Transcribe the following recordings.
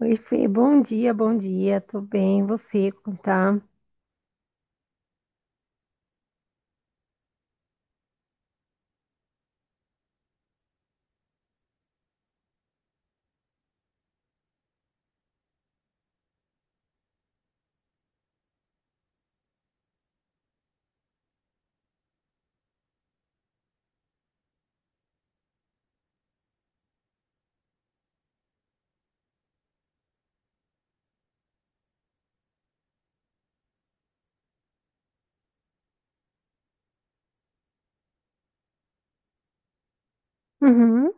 Oi, Fê, bom dia, tô bem, você, como tá? Uhum,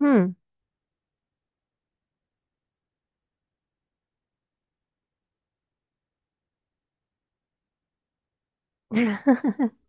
hum.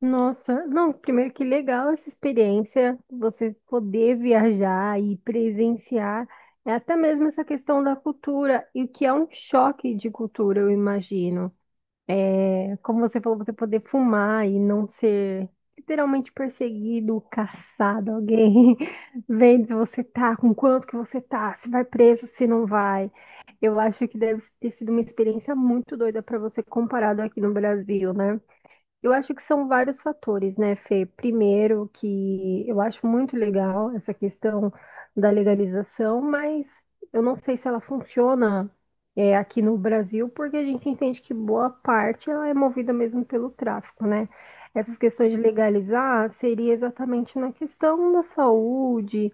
Nossa, não, primeiro que legal essa experiência, você poder viajar e presenciar, é até mesmo essa questão da cultura, e o que é um choque de cultura, eu imagino. É, como você falou, você poder fumar e não ser literalmente perseguido, caçado, alguém vendo se você tá, com quanto que você tá, se vai preso, se não vai. Eu acho que deve ter sido uma experiência muito doida para você comparado aqui no Brasil, né? Eu acho que são vários fatores, né, Fê? Primeiro, que eu acho muito legal essa questão da legalização, mas eu não sei se ela funciona, é, aqui no Brasil, porque a gente entende que boa parte ela é movida mesmo pelo tráfico, né? Essas questões de legalizar seria exatamente na questão da saúde,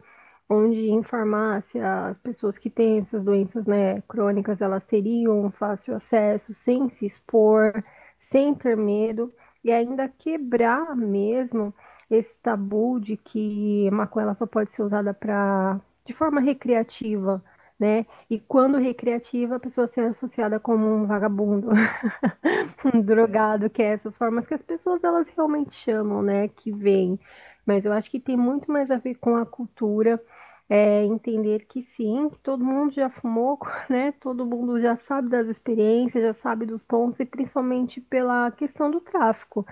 onde em farmácia as pessoas que têm essas doenças, né, crônicas, elas teriam fácil acesso, sem se expor, sem ter medo. E ainda quebrar mesmo esse tabu de que maconha ela só pode ser usada para de forma recreativa, né? E quando recreativa, a pessoa ser associada como um vagabundo, um drogado, que é essas formas que as pessoas elas realmente chamam, né? Que vem. Mas eu acho que tem muito mais a ver com a cultura, é, entender que sim, que todo mundo já fumou, né? Todo mundo já sabe das experiências, já sabe dos pontos, e principalmente pela questão do tráfico.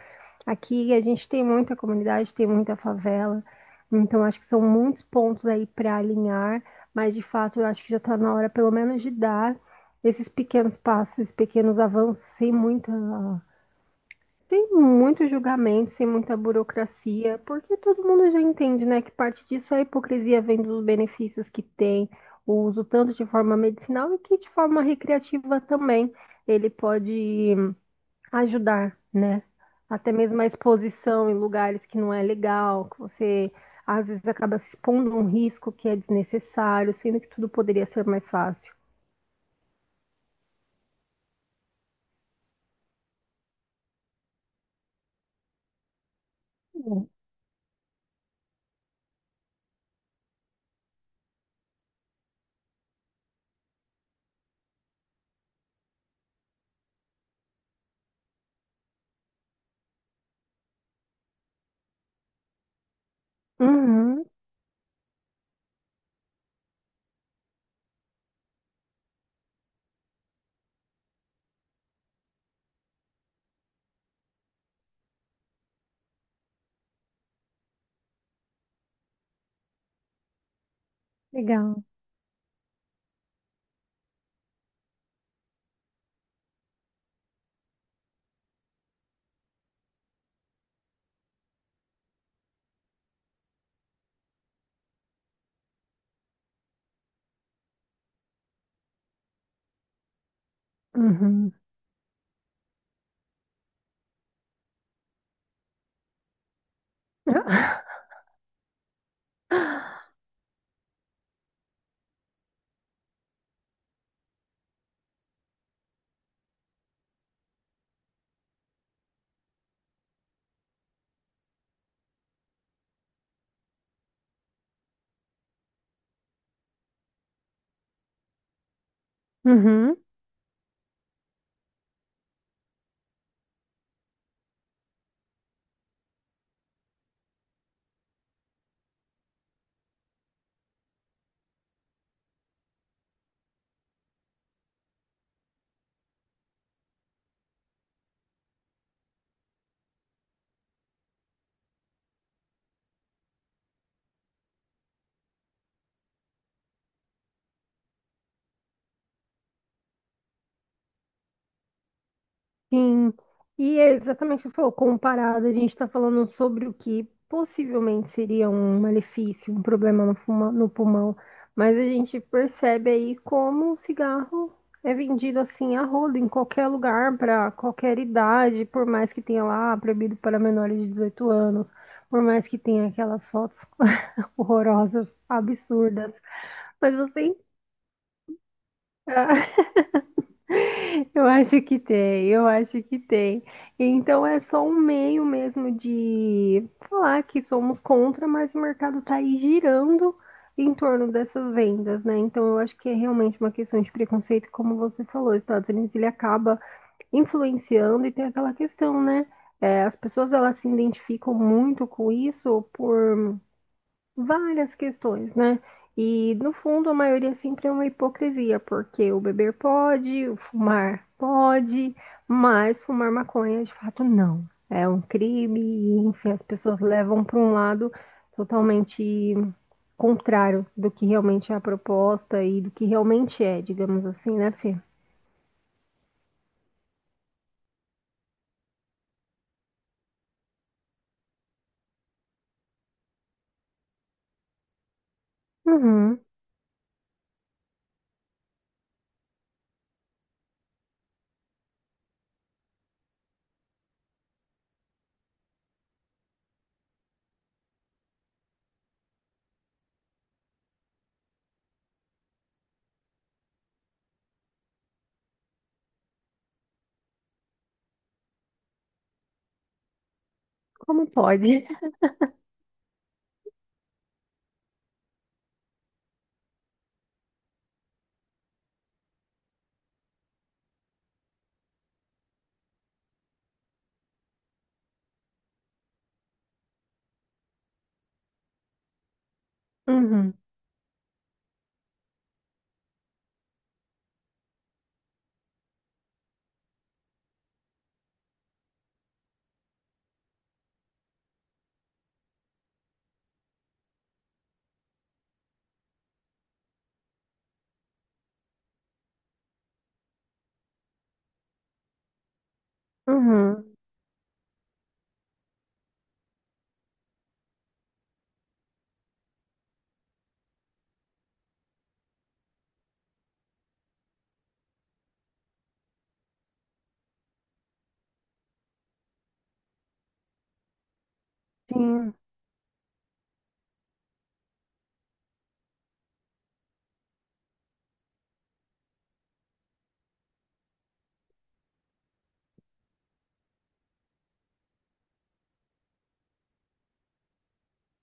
Aqui a gente tem muita comunidade, tem muita favela, então acho que são muitos pontos aí para alinhar, mas de fato eu acho que já está na hora, pelo menos, de dar esses pequenos passos, esses pequenos avanços, sem muita, sem muito julgamento, sem muita burocracia, porque todo mundo já entende, né, que parte disso é a hipocrisia vem dos benefícios que tem, o uso tanto de forma medicinal e que de forma recreativa também. Ele pode ajudar, né? Até mesmo a exposição em lugares que não é legal, que você às vezes acaba se expondo a um risco que é desnecessário, sendo que tudo poderia ser mais fácil. Uhum, legal. Uhum. Uhum. Sim, e é exatamente o que você falou, comparado, a gente está falando sobre o que possivelmente seria um malefício, um problema no, fuma- no pulmão, mas a gente percebe aí como o cigarro é vendido assim a rodo, em qualquer lugar, para qualquer idade, por mais que tenha lá proibido para menores de 18 anos, por mais que tenha aquelas fotos horrorosas, absurdas, mas você Eu acho que tem, eu acho que tem. Então é só um meio mesmo de falar que somos contra, mas o mercado está aí girando em torno dessas vendas, né? Então eu acho que é realmente uma questão de preconceito, como você falou, os Estados Unidos ele acaba influenciando e tem aquela questão, né? É, as pessoas elas se identificam muito com isso por várias questões, né? E no fundo, a maioria sempre é uma hipocrisia, porque o beber pode, o fumar pode, mas fumar maconha de fato não. É um crime, e, enfim, as pessoas levam para um lado totalmente contrário do que realmente é a proposta e do que realmente é, digamos assim, né, Fê? Uhum, como pode? Uhum, uhum, sim,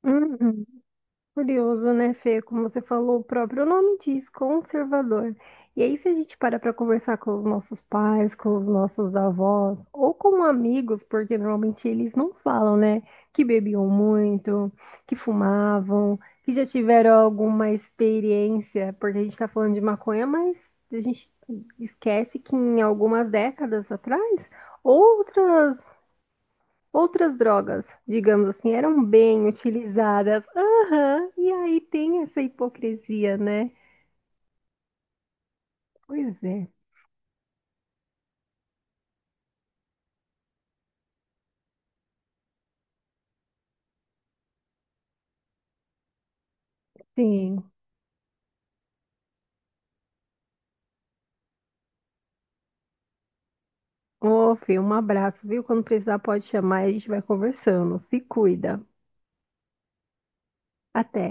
uhum. Curioso, né, Fê? Como você falou, o próprio nome diz, conservador. E aí, se a gente para conversar com os nossos pais, com os nossos avós, ou com amigos, porque normalmente eles não falam, né, que bebiam muito, que fumavam, que já tiveram alguma experiência, porque a gente está falando de maconha, mas a gente esquece que em algumas décadas atrás, outras Outras drogas, digamos assim, eram bem utilizadas. Aham, e aí tem essa hipocrisia, né? Pois é, sim. Ô, Fê, um abraço, viu? Quando precisar, pode chamar e a gente vai conversando. Se cuida. Até.